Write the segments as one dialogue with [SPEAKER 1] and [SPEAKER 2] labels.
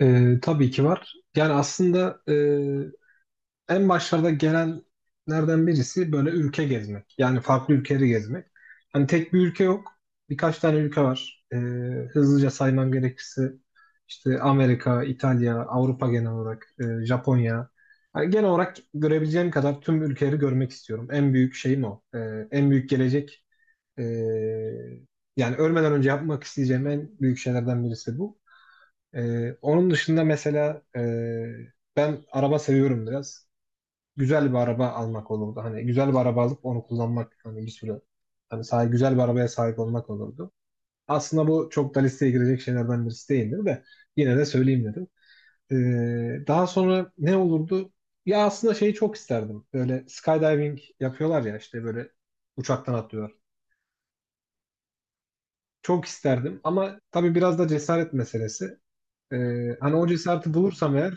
[SPEAKER 1] Tabii ki var. Yani aslında en başlarda gelenlerden birisi böyle ülke gezmek. Yani farklı ülkeleri gezmek. Hani tek bir ülke yok. Birkaç tane ülke var. Hızlıca saymam gerekirse işte Amerika, İtalya, Avrupa genel olarak, Japonya. Hani genel olarak görebileceğim kadar tüm ülkeleri görmek istiyorum. En büyük şeyim o. En büyük gelecek. e, Yani ölmeden önce yapmak isteyeceğim en büyük şeylerden birisi bu. Onun dışında mesela ben araba seviyorum biraz. Güzel bir araba almak olurdu. Hani güzel bir araba alıp onu kullanmak hani bir süre hani güzel bir arabaya sahip olmak olurdu. Aslında bu çok da listeye girecek şeylerden birisi değildir de yine de söyleyeyim dedim. Daha sonra ne olurdu? Ya aslında şeyi çok isterdim. Böyle skydiving yapıyorlar ya işte böyle uçaktan atlıyorlar. Çok isterdim ama tabii biraz da cesaret meselesi. Hani o cesareti bulursam eğer,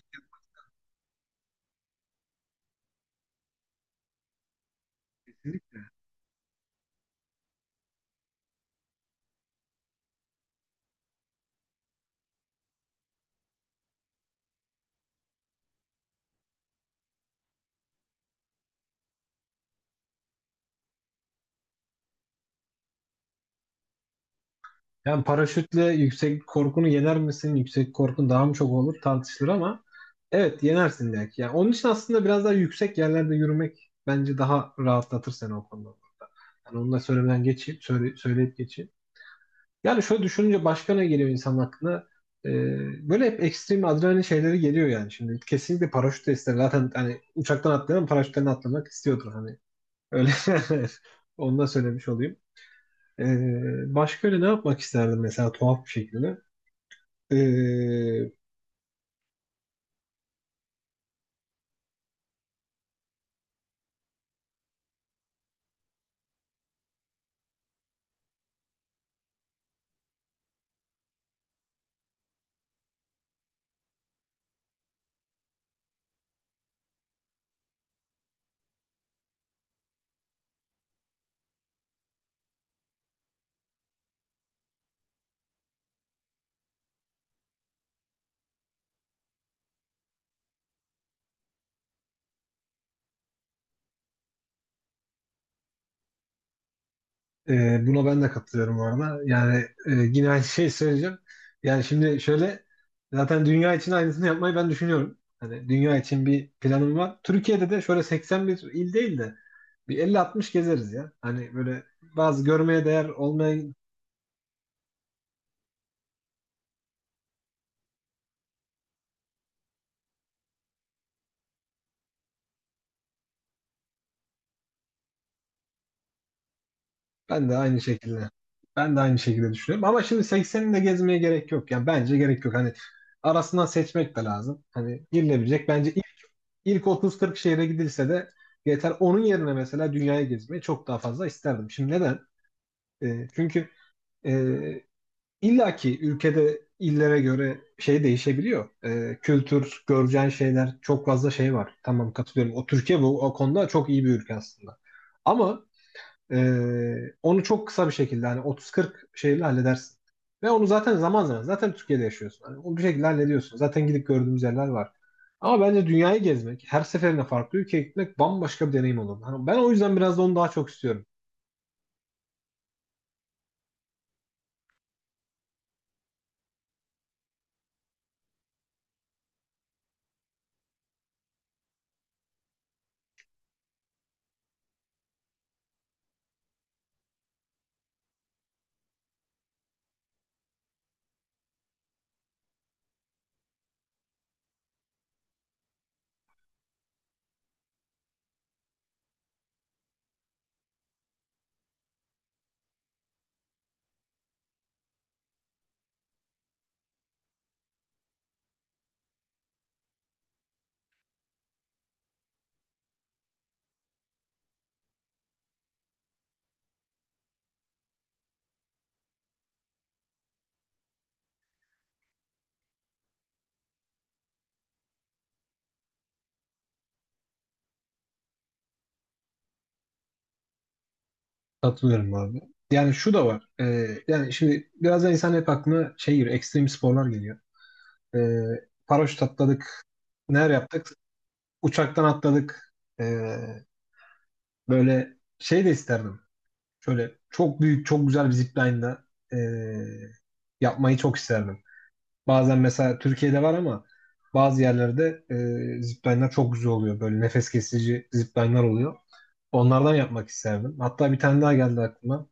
[SPEAKER 1] yani paraşütle yüksek korkunu yener misin? Yüksek korkun daha mı çok olur tartışılır ama evet yenersin belki. Yani onun için aslında biraz daha yüksek yerlerde yürümek bence daha rahatlatır seni o konuda. Yani onu da söylemeden geçeyim, söyleyip geçeyim. Yani şöyle düşününce başka ne geliyor insan aklına? Böyle hep ekstrem adrenalin şeyleri geliyor yani. Şimdi kesinlikle paraşüt de ister. Zaten hani uçaktan atlayan paraşütten atlamak istiyordur hani. Öyle onu da söylemiş olayım. Başka öyle ne yapmak isterdim mesela tuhaf bir şekilde? Ee, Buna ben de katılıyorum bu arada. Yani yine aynı şeyi söyleyeceğim. Yani şimdi şöyle, zaten dünya için aynısını yapmayı ben düşünüyorum. Hani dünya için bir planım var. Türkiye'de de şöyle 81 il değil de bir 50-60 gezeriz ya. Hani böyle bazı görmeye değer olmayan, ben de aynı şekilde ben de aynı şekilde düşünüyorum. Ama şimdi 80'ini de gezmeye gerek yok. Yani bence gerek yok. Hani arasından seçmek de lazım. Hani girilebilecek bence İlk 30-40 şehre gidilse de yeter. Onun yerine mesela dünyayı gezmeyi çok daha fazla isterdim. Şimdi neden? Çünkü e, illaki ülkede illere göre şey değişebiliyor. E, kültür, göreceğin şeyler çok fazla şey var. Tamam katılıyorum. O Türkiye bu o konuda çok iyi bir ülke aslında. Ama onu çok kısa bir şekilde hani 30-40 şeyle halledersin. Ve onu zaman zaman Türkiye'de yaşıyorsun. Hani onu bir şekilde hallediyorsun. Zaten gidip gördüğümüz yerler var. Ama bence dünyayı gezmek, her seferinde farklı ülkeye gitmek bambaşka bir deneyim olur. Hani ben o yüzden biraz da onu daha çok istiyorum. Katılıyorum abi. Yani şu da var. Yani şimdi biraz da insan hep aklına şey geliyor, ekstrem sporlar geliyor. Ee, Paraşüt atladık, neler yaptık? Uçaktan atladık. Ee, Böyle şey de isterdim. Şöyle çok büyük, çok güzel bir zipline'la eee, yapmayı çok isterdim. Bazen mesela Türkiye'de var ama bazı yerlerde zipline'lar çok güzel oluyor. Böyle nefes kesici zipline'lar oluyor. Onlardan yapmak isterdim. Hatta bir tane daha geldi aklıma.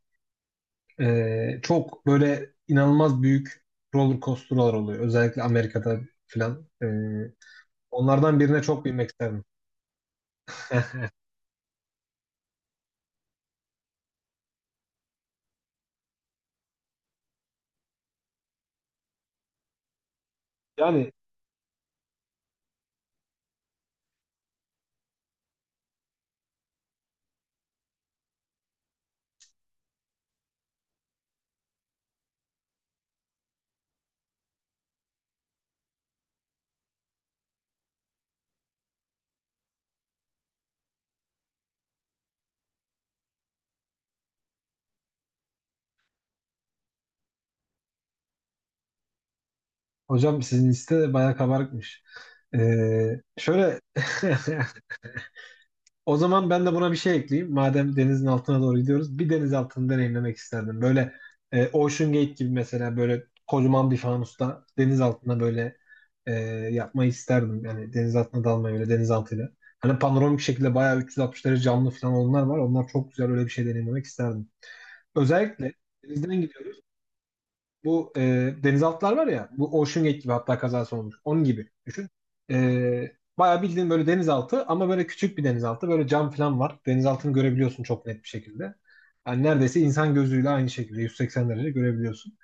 [SPEAKER 1] Çok böyle inanılmaz büyük roller coaster'lar oluyor. Özellikle Amerika'da filan. Onlardan birine çok binmek isterdim. Yani hocam sizin liste de bayağı kabarıkmış. Şöyle o zaman ben de buna bir şey ekleyeyim. Madem denizin altına doğru gidiyoruz, bir deniz altını deneyimlemek isterdim. Böyle Ocean Gate gibi mesela böyle kocaman bir fanusta deniz altına böyle e, yapmayı isterdim. Yani deniz altına dalmayı öyle deniz altıyla. Hani panoramik şekilde bayağı 360 derece camlı falan olanlar var. Onlar çok güzel, öyle bir şey deneyimlemek isterdim. Özellikle denizden gidiyoruz. Bu denizaltılar var ya bu Ocean Gate gibi, hatta kazası olmuş. Onun gibi düşün. E, bayağı bildiğin böyle denizaltı ama böyle küçük bir denizaltı. Böyle cam falan var. Denizaltını görebiliyorsun çok net bir şekilde. Yani neredeyse insan gözüyle aynı şekilde 180 derece görebiliyorsun.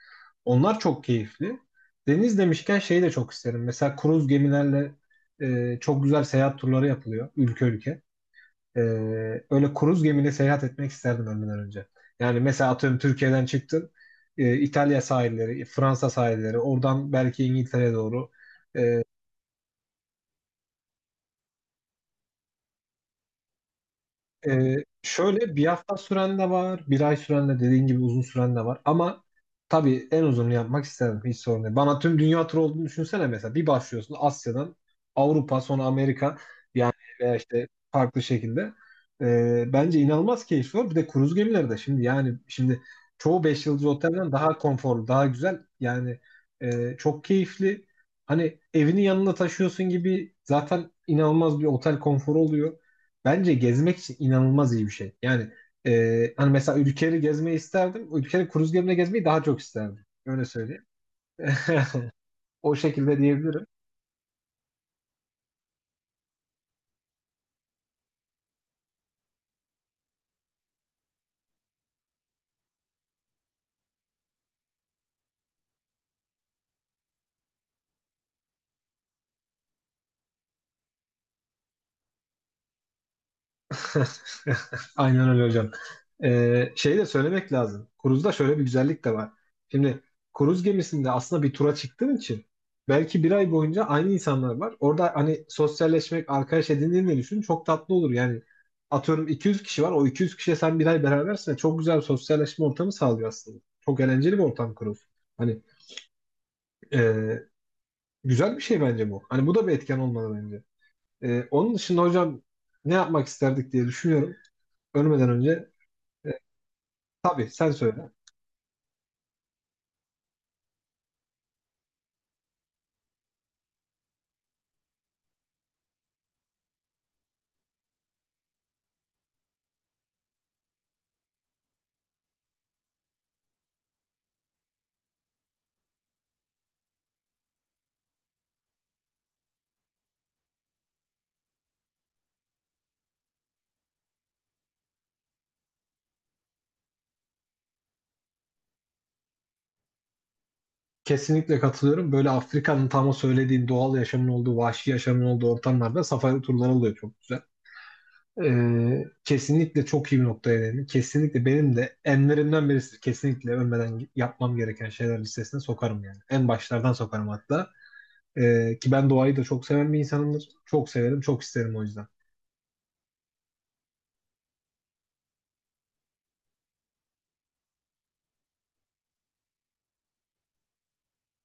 [SPEAKER 1] Onlar çok keyifli. Deniz demişken şeyi de çok isterim. Mesela kruz gemilerle çok güzel seyahat turları yapılıyor ülke ülke. Ee, Öyle kruz gemiyle seyahat etmek isterdim ölmeden önce. Yani mesela atıyorum Türkiye'den çıktın, İtalya sahilleri, Fransa sahilleri, oradan belki İngiltere'ye doğru. e, Ee, Şöyle bir hafta süren de var, bir ay süren de dediğin gibi uzun süren de var. Ama tabii en uzununu yapmak isterim. Hiç sorun değil. Bana tüm dünya turu olduğunu düşünsene mesela. Bir başlıyorsun Asya'dan Avrupa sonra Amerika yani, veya işte farklı şekilde. Bence inanılmaz keyifli olur. Bir de kruz gemileri de şimdi çoğu 5 yıldız otelden daha konforlu, daha güzel. Yani çok keyifli. Hani evini yanına taşıyorsun gibi, zaten inanılmaz bir otel konforu oluyor. Bence gezmek için inanılmaz iyi bir şey. Yani hani mesela ülkeleri gezmeyi isterdim. Ülkeleri kruz gemine gezmeyi daha çok isterdim. Öyle söyleyeyim. O şekilde diyebilirim. Aynen öyle hocam. Şeyi de söylemek lazım. Cruise'da şöyle bir güzellik de var. Şimdi kruz gemisinde aslında bir tura çıktığın için belki bir ay boyunca aynı insanlar var. Orada hani sosyalleşmek, arkadaş edindiğini düşün. Çok tatlı olur. Yani atıyorum 200 kişi var. O 200 kişiye sen bir ay berabersin. Ve çok güzel bir sosyalleşme ortamı sağlıyor aslında. Çok eğlenceli bir ortam kruz. Hani e, güzel bir şey bence bu. Hani bu da bir etken olmalı bence. Onun dışında hocam ne yapmak isterdik diye düşünüyorum. Ölmeden önce. e, Tabii sen söyle. Kesinlikle katılıyorum. Böyle Afrika'nın tam o söylediğin doğal yaşamın olduğu, vahşi yaşamın olduğu ortamlarda safari turları oluyor çok güzel. Kesinlikle çok iyi bir noktaya değindin. Kesinlikle benim de enlerimden birisi. Kesinlikle ölmeden yapmam gereken şeyler listesine sokarım yani. En başlardan sokarım hatta. Ki ben doğayı da çok seven bir insanımdır. Çok severim, çok isterim o yüzden.